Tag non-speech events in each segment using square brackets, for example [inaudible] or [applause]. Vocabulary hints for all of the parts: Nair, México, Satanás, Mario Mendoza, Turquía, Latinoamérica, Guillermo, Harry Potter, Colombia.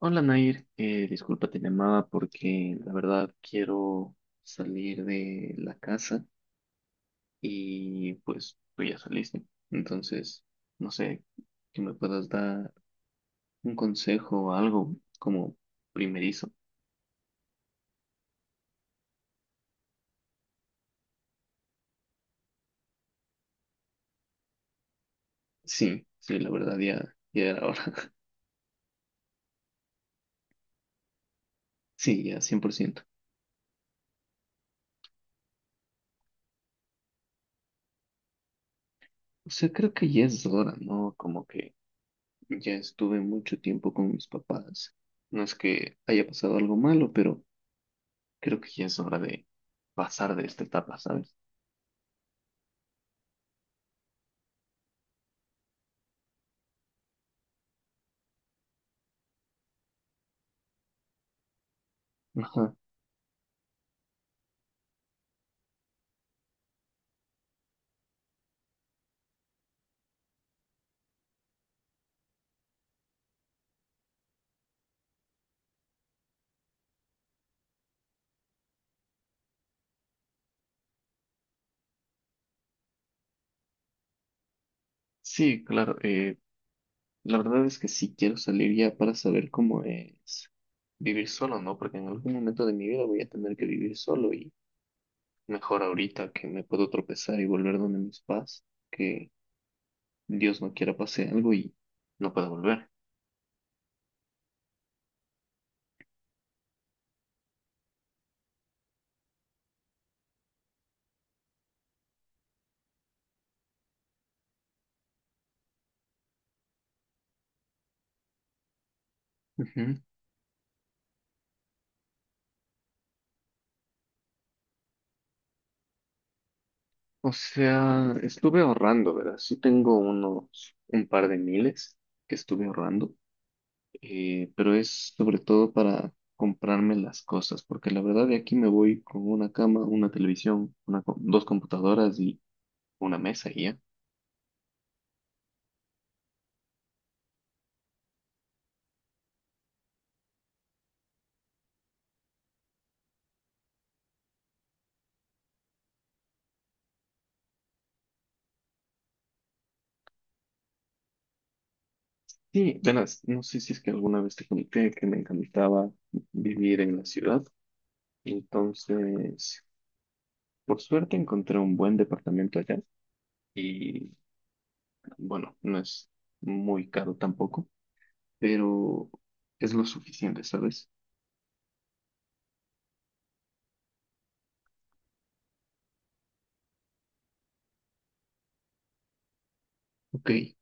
Hola Nair, disculpa, te llamaba porque la verdad quiero salir de la casa y pues tú ya saliste. Entonces, no sé, que me puedas dar un consejo o algo como primerizo. Sí, sí, la verdad ya era hora. [laughs] Sí, ya 100%. O sea, creo que ya es hora, ¿no? Como que ya estuve mucho tiempo con mis papás. No es que haya pasado algo malo, pero creo que ya es hora de pasar de esta etapa, ¿sabes? Ajá. Sí, claro. La verdad es que sí quiero salir ya para saber cómo es vivir solo, ¿no? Porque en algún momento de mi vida voy a tener que vivir solo y mejor ahorita que me puedo tropezar y volver donde mis papás, que Dios no quiera pase algo y no pueda volver. Ujú. O sea, estuve ahorrando, ¿verdad? Sí tengo un par de miles que estuve ahorrando. Eh, pero es sobre todo para comprarme las cosas, porque la verdad de aquí me voy con una cama, una televisión, dos computadoras y una mesa y ya. Sí, verás, no sé si es que alguna vez te comenté que me encantaba vivir en la ciudad, entonces por suerte encontré un buen departamento allá y bueno, no es muy caro tampoco, pero es lo suficiente, ¿sabes? Ok.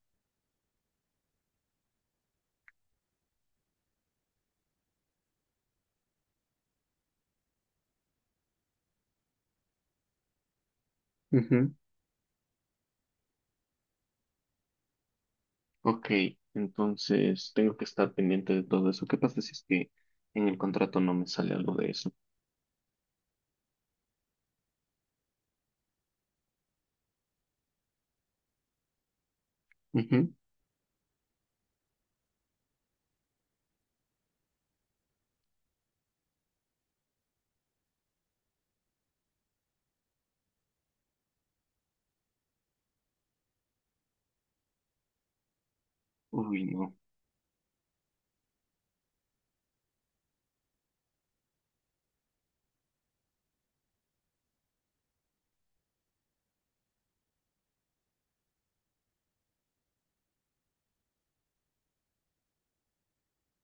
Ujú. Ok, entonces tengo que estar pendiente de todo eso. ¿Qué pasa si es que en el contrato no me sale algo de eso? Ujú. Uy, no.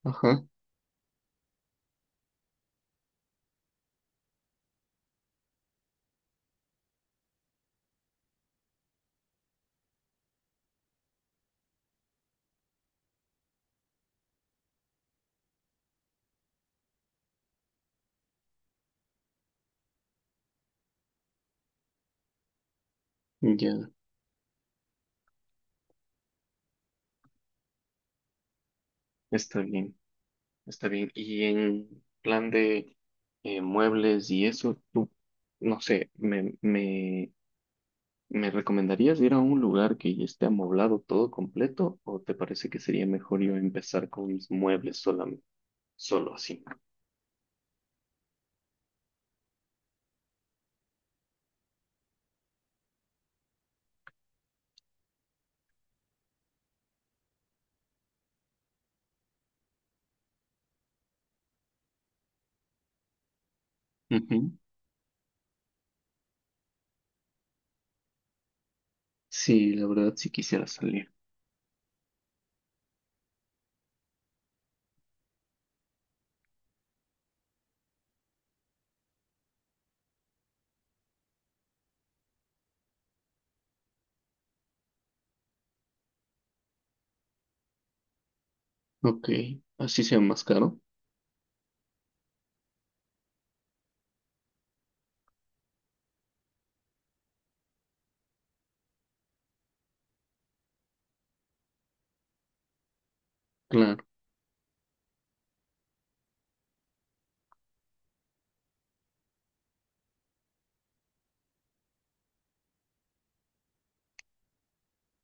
Ajá, ya. Está bien, está bien. Y en plan de muebles y eso, tú, no sé, me, me, ¿me recomendarías ir a un lugar que ya esté amoblado todo completo? ¿O te parece que sería mejor yo empezar con mis muebles solamente, solo así? Ujú. Sí, la verdad sí quisiera salir. Ok, así sea más caro. Claro,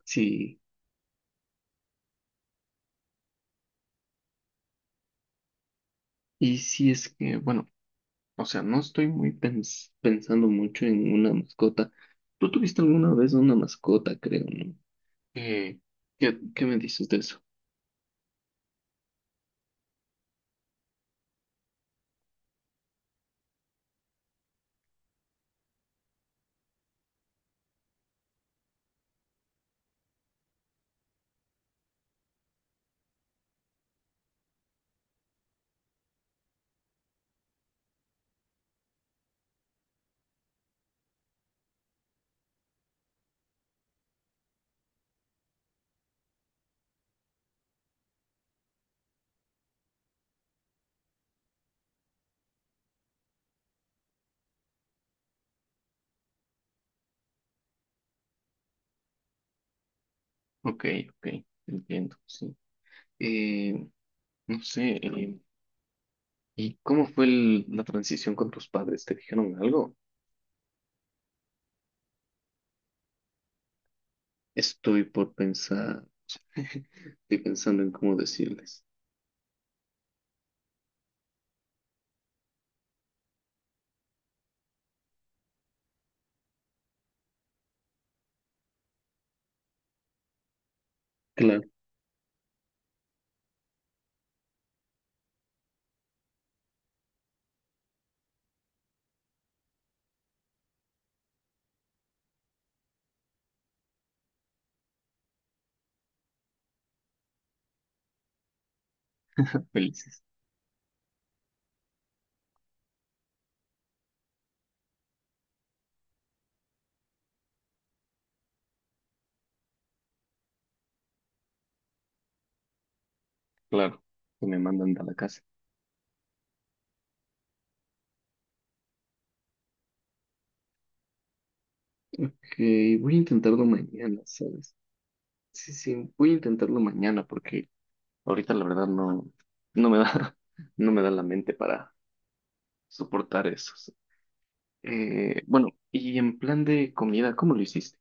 sí. Y si es que, bueno, o sea, no estoy muy pensando mucho en una mascota. Tú tuviste alguna vez una mascota, creo, ¿no? Eh, ¿Qué, qué me dices de eso? Ok, ok, entiendo, sí. Eh, no sé, ¿y cómo fue la transición con tus padres? ¿Te dijeron algo? Estoy por pensar, [laughs] estoy pensando en cómo decirles. Claro, felices, claro, que me mandan de la casa. Ok, voy a intentarlo mañana, ¿sabes? Sí, sí, voy a intentarlo mañana porque ahorita la verdad no me da, [laughs] no me da la mente para soportar eso. Bueno, y en plan de comida, ¿cómo lo hiciste?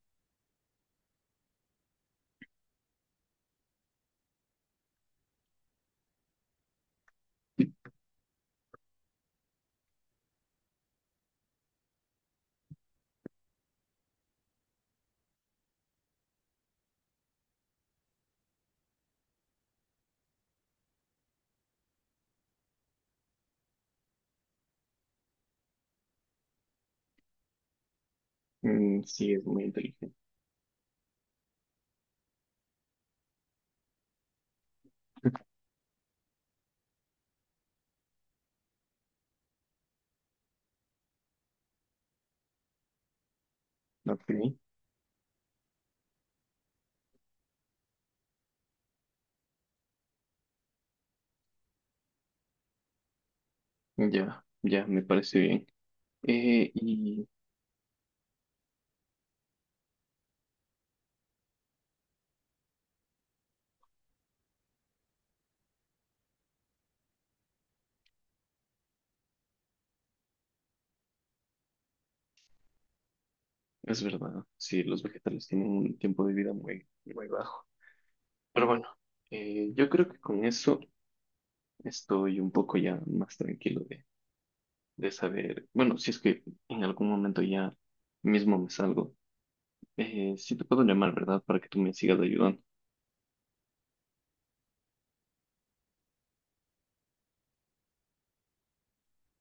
Mm, sí, es muy inteligente. [laughs] Ok, ya, ya, me parece bien. Eh, y es verdad, sí, los vegetales tienen un tiempo de vida muy bajo. Pero bueno, yo creo que con eso estoy un poco ya más tranquilo de saber, bueno, si es que en algún momento ya mismo me salgo, sí te puedo llamar, ¿verdad? Para que tú me sigas ayudando.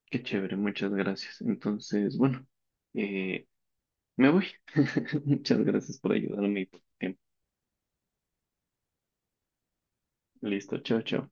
Qué chévere, muchas gracias. Entonces, bueno, eh, me voy. [laughs] Muchas gracias por ayudarme y por tu tiempo. Listo, chao, chao.